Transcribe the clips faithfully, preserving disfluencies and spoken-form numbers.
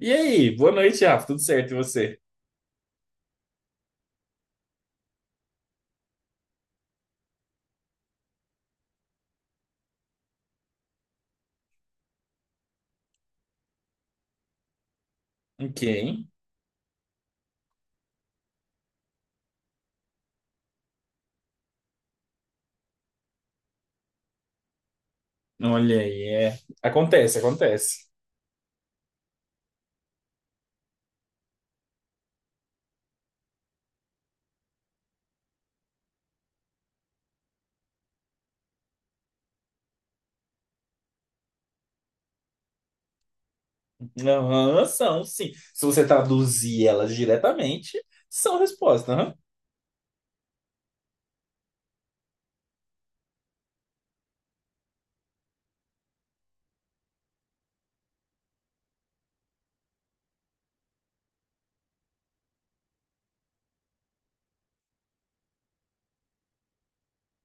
E aí, boa noite, Rafa. Tudo certo? E você? Ok. Olha aí, é. Acontece, acontece. Aham, são, sim. Se você traduzir elas diretamente, são respostas, aham.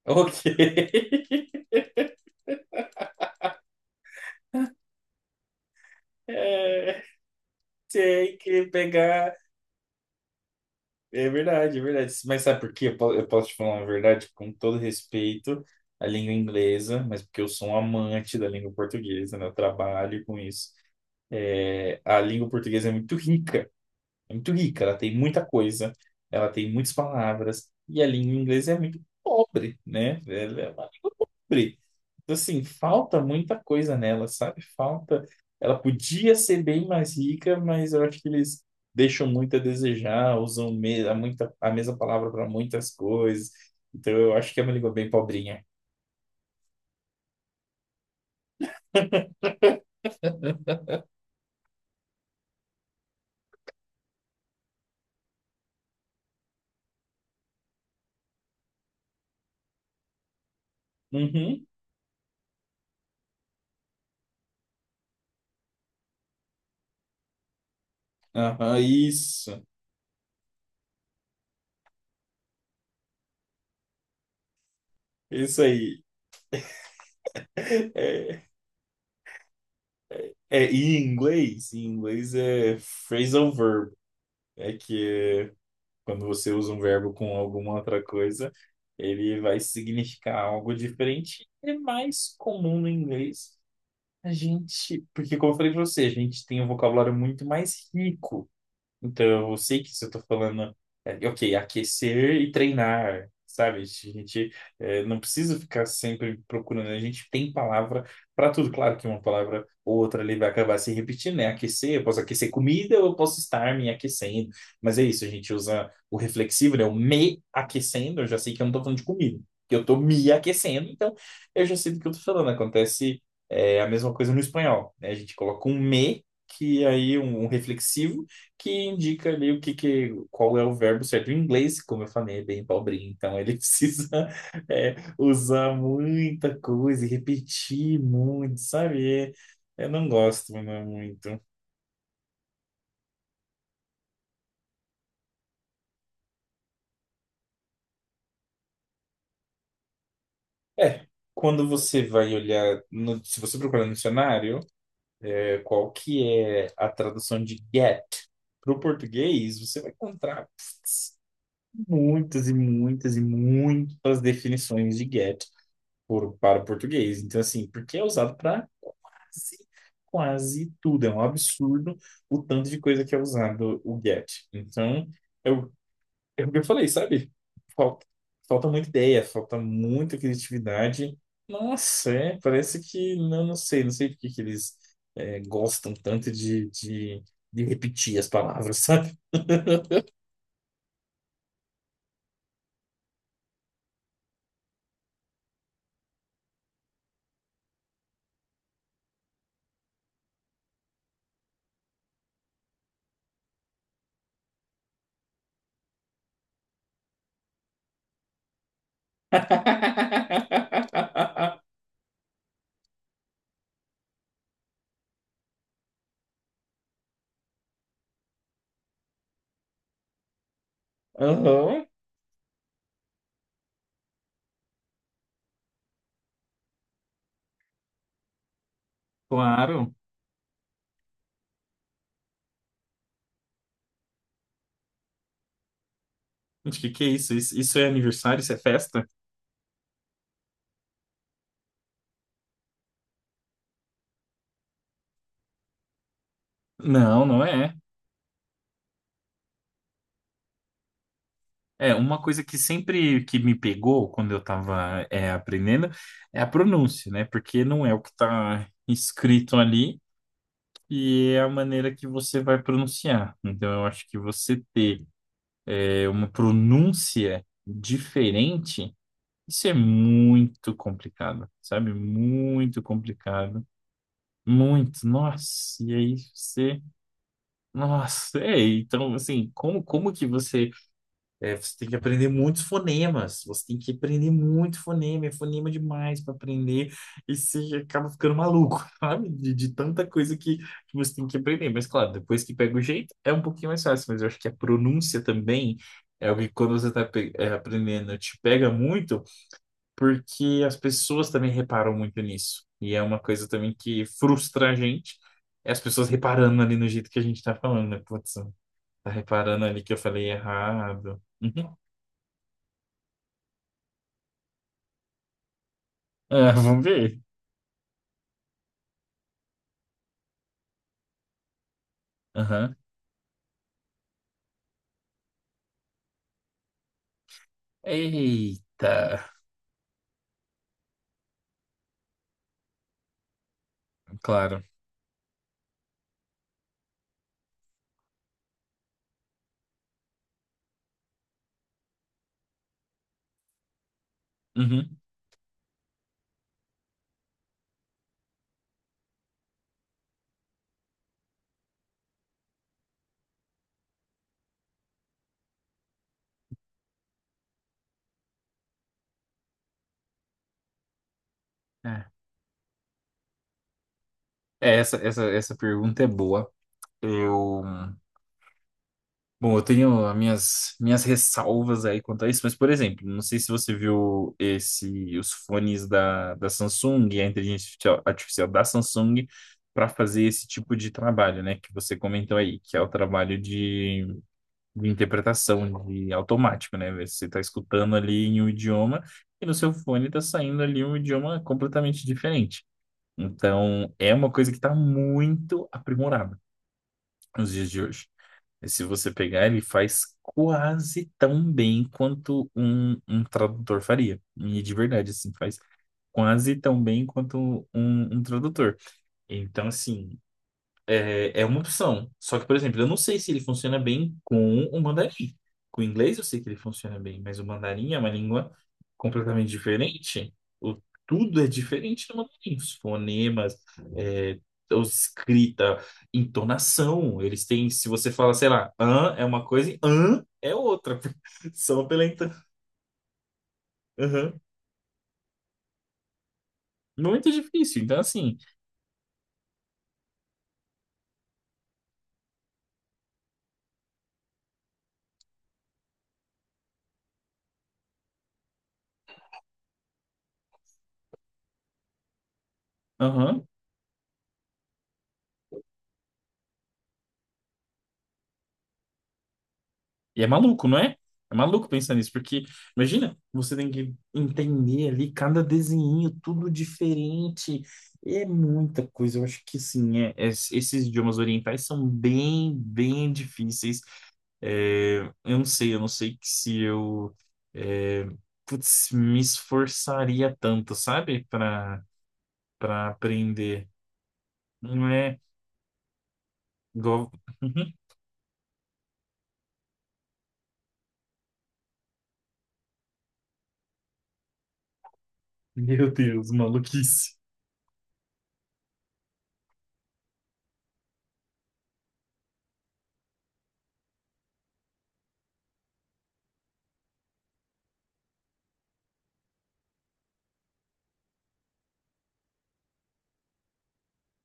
Ok. É, tem que pegar. É verdade, é verdade. Mas sabe por quê? Eu po- eu posso te falar uma verdade com todo respeito à língua inglesa, mas porque eu sou um amante da língua portuguesa, né? Eu trabalho com isso. É, a língua portuguesa é muito rica, é muito rica, ela tem muita coisa, ela tem muitas palavras, e a língua inglesa é muito pobre, né? Ela é pobre. Então, assim, falta muita coisa nela, sabe? Falta. Ela podia ser bem mais rica, mas eu acho que eles deixam muito a desejar, usam me- a, muita, a mesma palavra para muitas coisas. Então, eu acho que é uma língua bem pobrinha. Uhum, aham, isso, isso aí. É, é, e em inglês, em inglês é phrasal verb, é que é Quando você usa um verbo com alguma outra coisa, ele vai significar algo diferente. É mais comum no inglês. A gente, porque como eu falei para você, a gente tem um vocabulário muito mais rico. Então, eu sei que se eu tô falando, é, ok, aquecer e treinar, sabe? A gente é, não precisa ficar sempre procurando, a gente tem palavra para tudo. Claro que uma palavra ou outra ali vai acabar se repetindo, né? Aquecer, eu posso aquecer comida, eu posso estar me aquecendo. Mas é isso, a gente usa o reflexivo, né? O me aquecendo, eu já sei que eu não tô falando de comida, que eu tô me aquecendo, então eu já sei do que eu tô falando. Acontece é, a mesma coisa no espanhol, né? A gente coloca um me, que aí um um reflexivo que indica ali o que, que qual é o verbo certo. Em inglês, como eu falei, é bem pobrinho, então ele precisa, é, usar muita coisa e repetir muito, sabe? É, eu não gosto, não é muito. É, quando você vai olhar, no- se você procurar no dicionário, é, qual que é a tradução de get para o português, você vai encontrar muitas e muitas e muitas definições de get por- para o português. Então, assim, porque é usado para quase, quase tudo. É um absurdo o tanto de coisa que é usado o get. Então, eu é o que eu falei, sabe? Falta, falta muita ideia, falta muita criatividade. Nossa, é, parece que, não, não sei, não sei por que que eles, é, gostam tanto de, de, de repetir as palavras, sabe? Aham. Claro. Gente, que que é isso? Isso isso é aniversário? Isso é festa? Não, não é. É, uma coisa que sempre que me pegou quando eu estava aprendendo é a pronúncia, né? Porque não é o que está escrito ali e é a maneira que você vai pronunciar. Então, eu acho que você ter, é, uma pronúncia diferente, isso é muito complicado, sabe? Muito complicado. Muito, nossa, e aí você, nossa, é, então assim, como, como que você É, você tem que aprender muitos fonemas. Você tem que aprender muito fonema. É fonema demais para aprender. E você acaba ficando maluco, sabe? De, de tanta coisa que, que você tem que aprender. Mas, claro, depois que pega o jeito, é um pouquinho mais fácil. Mas eu acho que a pronúncia também é algo que quando você está aprendendo, te pega muito, porque as pessoas também reparam muito nisso. E é uma coisa também que frustra a gente. É as pessoas reparando ali no jeito que a gente está falando, né? Putz, tá reparando ali que eu falei errado. Ah, vamos ver. Aham. Eita, claro. Uhum. É, É, essa, essa, essa pergunta é boa. Eu, bom, eu tenho as minhas, minhas ressalvas aí quanto a isso, mas, por exemplo, não sei se você viu esse, os fones da, da Samsung, a inteligência artificial artificial da Samsung, para fazer esse tipo de trabalho, né, que você comentou aí, que é o trabalho de de interpretação, de automático, né? Você está escutando ali em um idioma e no seu fone está saindo ali um idioma completamente diferente. Então, é uma coisa que está muito aprimorada nos dias de hoje. E se você pegar, ele faz quase tão bem quanto um, um tradutor faria. E de verdade, assim, faz quase tão bem quanto um, um tradutor. Então, assim, é, é uma opção. Só que, por exemplo, eu não sei se ele funciona bem com o mandarim. Com o inglês eu sei que ele funciona bem, mas o mandarim é uma língua completamente diferente. O, tudo é diferente no mandarim. Os fonemas, é, a escrita, entonação. Eles têm, se você fala, sei lá, an é uma coisa e an é outra. Só pela entonação. Muito difícil. Então, assim, aham. E é maluco, não é? É maluco pensar nisso, porque imagina, você tem que entender ali cada desenho, tudo diferente. É muita coisa. Eu acho que sim, é, é- esses idiomas orientais são bem, bem difíceis. É, eu não sei, eu não sei que se eu, é, putz, me esforçaria tanto, sabe? Para para aprender. Não é igual. Meu Deus, maluquice.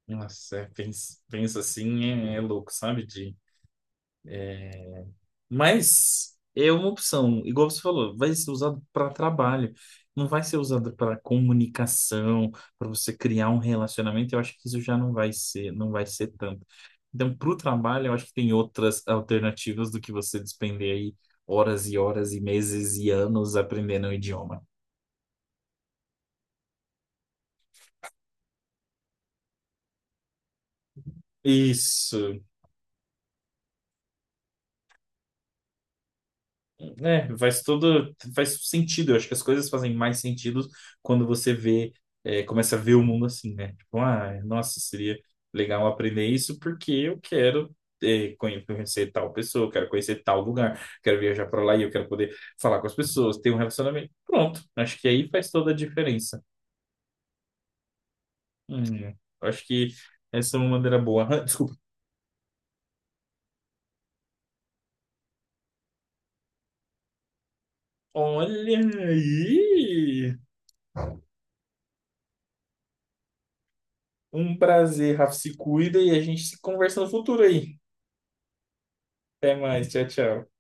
Nossa, é, penso, penso assim, é, é louco, sabe? De... Mas é uma opção, igual você falou, vai ser usado para trabalho, não vai ser usado para comunicação, para você criar um relacionamento. Eu acho que isso já não vai ser, não vai ser tanto. Então, para o trabalho, eu acho que tem outras alternativas do que você despender aí horas e horas e meses e anos aprendendo o idioma. Isso, é, faz todo, faz sentido. Eu acho que as coisas fazem mais sentido quando você vê, é, começa a ver o mundo assim, né? Tipo, ah, nossa, seria legal aprender isso porque eu quero, é, conhe- conhecer tal pessoa, eu quero conhecer tal lugar, quero viajar para lá e eu quero poder falar com as pessoas, ter um relacionamento. Pronto, acho que aí faz toda a diferença. Hum, acho que essa é uma maneira boa. Desculpa. Olha aí! Um prazer, Rafa, se cuida e a gente se conversa no futuro aí. Até mais, tchau, tchau.